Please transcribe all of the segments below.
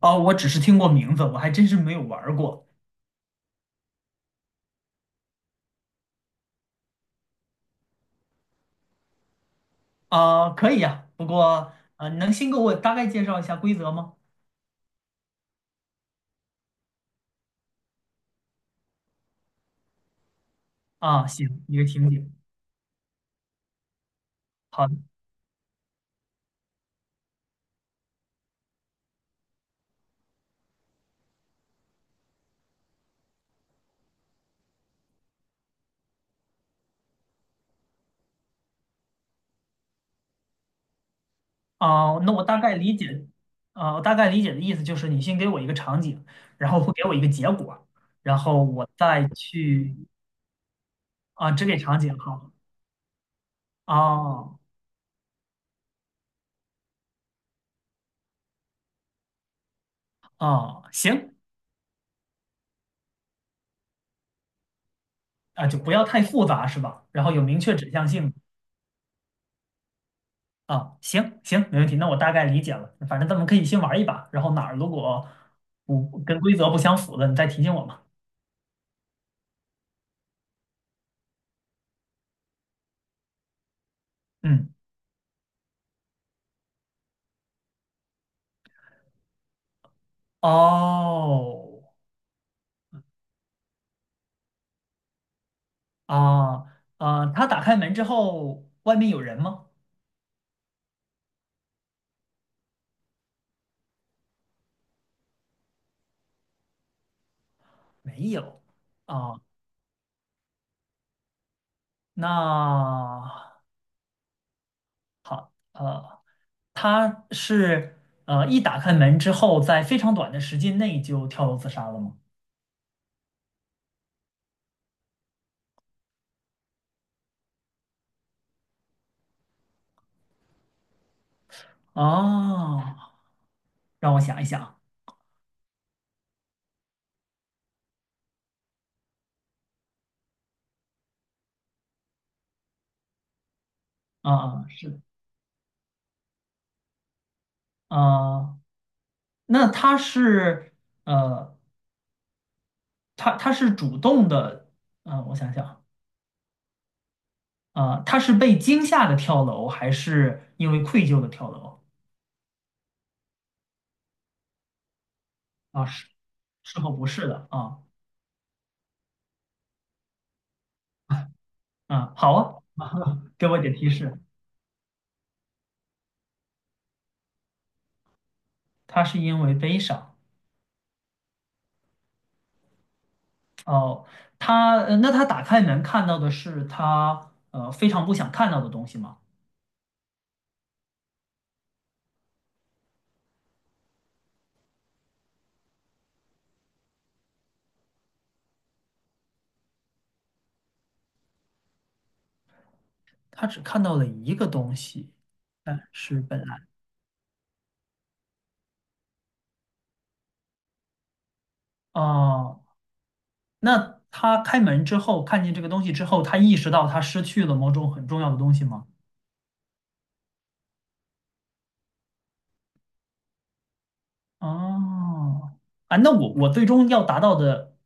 哦，我只是听过名字，我还真是没有玩儿过。啊，可以呀，不过啊，能先给我大概介绍一下规则吗？啊，行，一个情景。好的。啊，那我大概理解。啊，我大概理解的意思就是你先给我一个场景，然后会给我一个结果，然后我再去。啊，只给场景好。哦哦，行。啊，就不要太复杂是吧？然后有明确指向性。啊，行行，没问题，那我大概理解了。反正咱们可以先玩一把，然后哪儿如果不跟规则不相符的，你再提醒我嘛。嗯。哦。啊啊，他打开门之后，外面有人吗？没有。啊，那呃，他是一打开门之后，在非常短的时间内就跳楼自杀了吗？哦，让我想一想。啊啊，是的。啊，那呃。他是主动的。嗯，我想想。啊，他是被惊吓的跳楼，还是因为愧疚的跳楼？啊，是和不是的啊。啊，好。啊，给我点提示。他是因为悲伤。哦，那他打开门看到的是他非常不想看到的东西吗？他只看到了一个东西，但是本来。哦，那他开门之后看见这个东西之后，他意识到他失去了某种很重要的东西吗？哦。啊，那我最终要达到的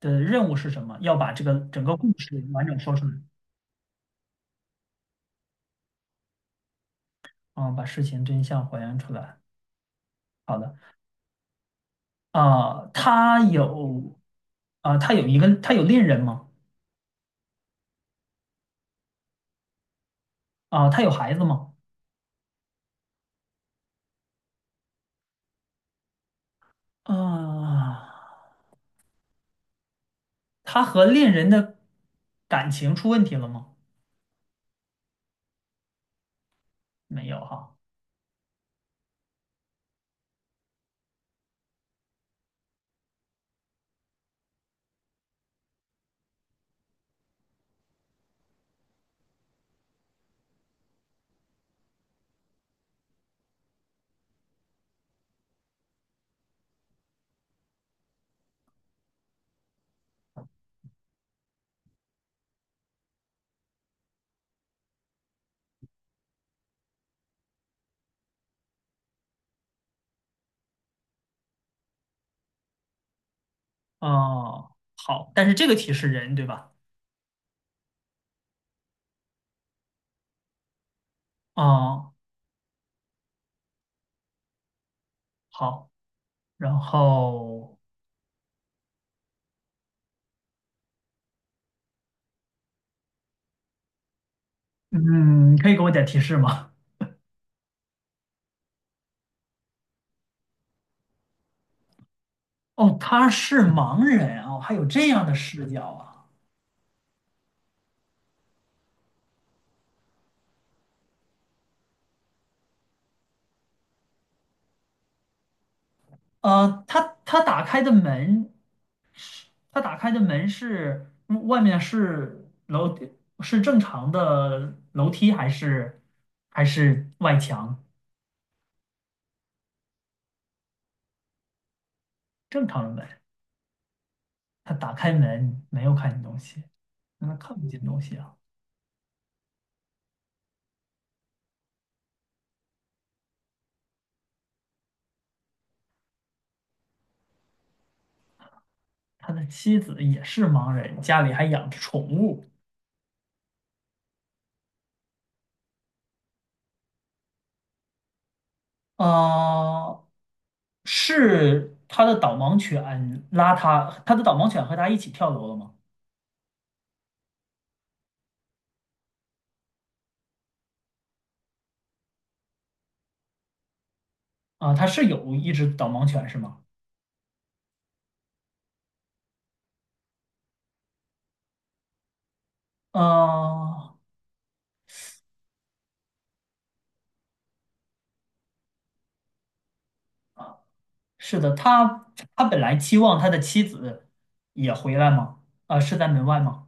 的任务是什么？要把这个整个故事完整说出来。啊，把事情真相还原出来。好的。啊，他有。啊，他有恋人吗？啊，他有孩子吗？啊，他和恋人的感情出问题了吗？没有哈。哦，好，但是这个题是人，对吧？哦，好。然后。嗯，可以给我点提示吗？哦，他是盲人哦，还有这样的视角啊！呃，他他打开的门，他打开的门是外面是楼是正常的楼梯还是外墙？正常的门。他打开门没有看见东西，那他看不见东西啊。他的妻子也是盲人，家里还养着宠物。呃，是他的导盲犬拉他，他的导盲犬和他一起跳楼了吗？啊，他是有一只导盲犬是吗？啊，是的，他本来期望他的妻子也回来吗？啊，是在门外吗？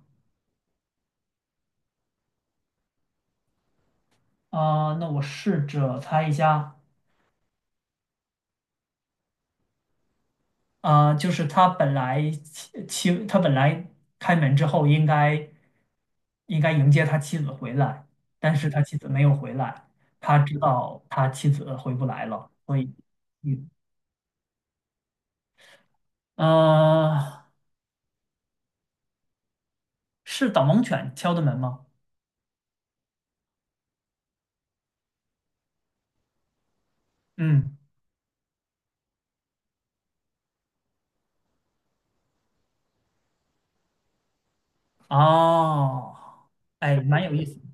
啊，那我试着猜一下。啊，就是他本来开门之后应该迎接他妻子回来，但是他妻子没有回来，他知道他妻子回不来了，所以。嗯。呃，是导盲犬敲的门吗？嗯。哦，哎，蛮有意思的。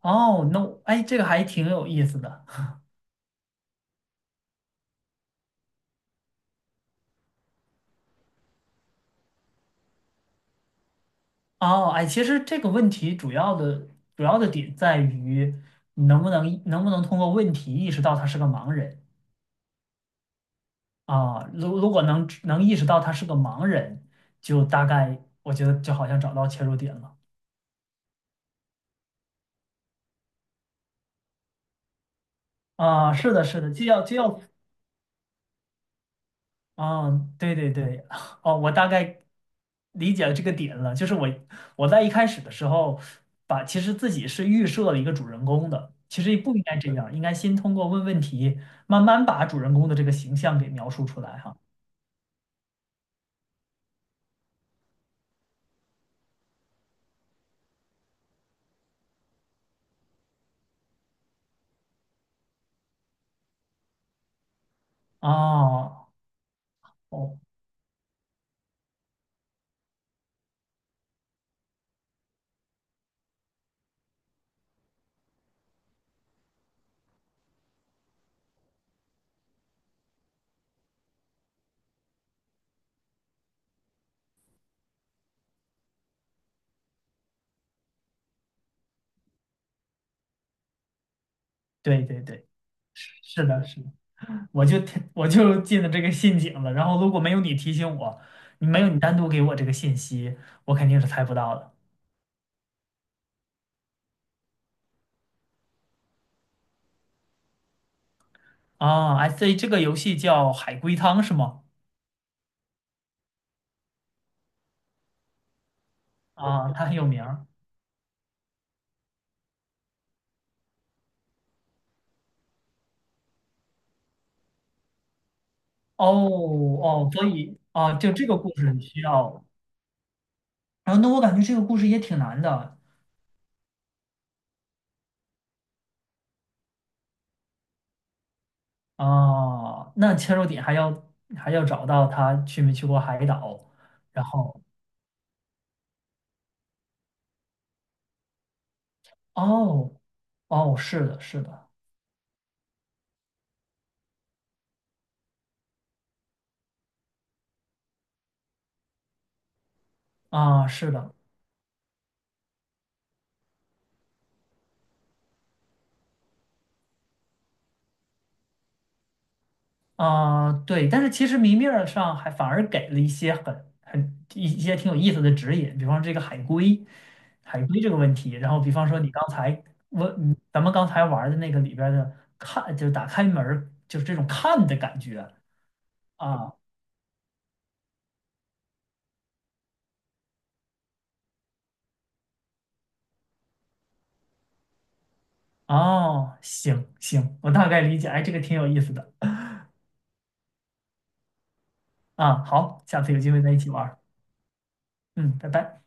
哦，No。哎，这个还挺有意思的。哦，哎，其实这个问题主要的点在于你能不能通过问题意识到他是个盲人。啊？如果能意识到他是个盲人，就大概我觉得就好像找到切入点了。啊。是的，是的。既要既要哦，对对对。哦，我大概理解了这个点了。就是我在一开始的时候把，其实自己是预设了一个主人公的，其实也不应该这样，应该先通过问问题，慢慢把主人公的这个形象给描述出来哈。哦哦，对对对，是的，是的。我就我就进了这个陷阱了。然后如果没有你提醒我，你没有你单独给我这个信息，我肯定是猜不到的。啊，所以这个游戏叫海龟汤是吗？啊，他很有名儿。哦哦，所以啊，就这个故事你需要。然后那我感觉这个故事也挺难的。啊，那切入点还要找到他去没去过海岛。然后。哦。哦，是的，是的。啊，是的。啊，对，但是其实明面儿上还反而给了一些很一些挺有意思的指引，比方说这个海龟，海龟这个问题，然后比方说你刚才问咱们刚才玩儿的那个里边儿的看，就是打开门儿就是这种看的感觉。啊。哦，行行，我大概理解，哎，这个挺有意思的。啊，好，下次有机会再一起玩儿。嗯，拜拜。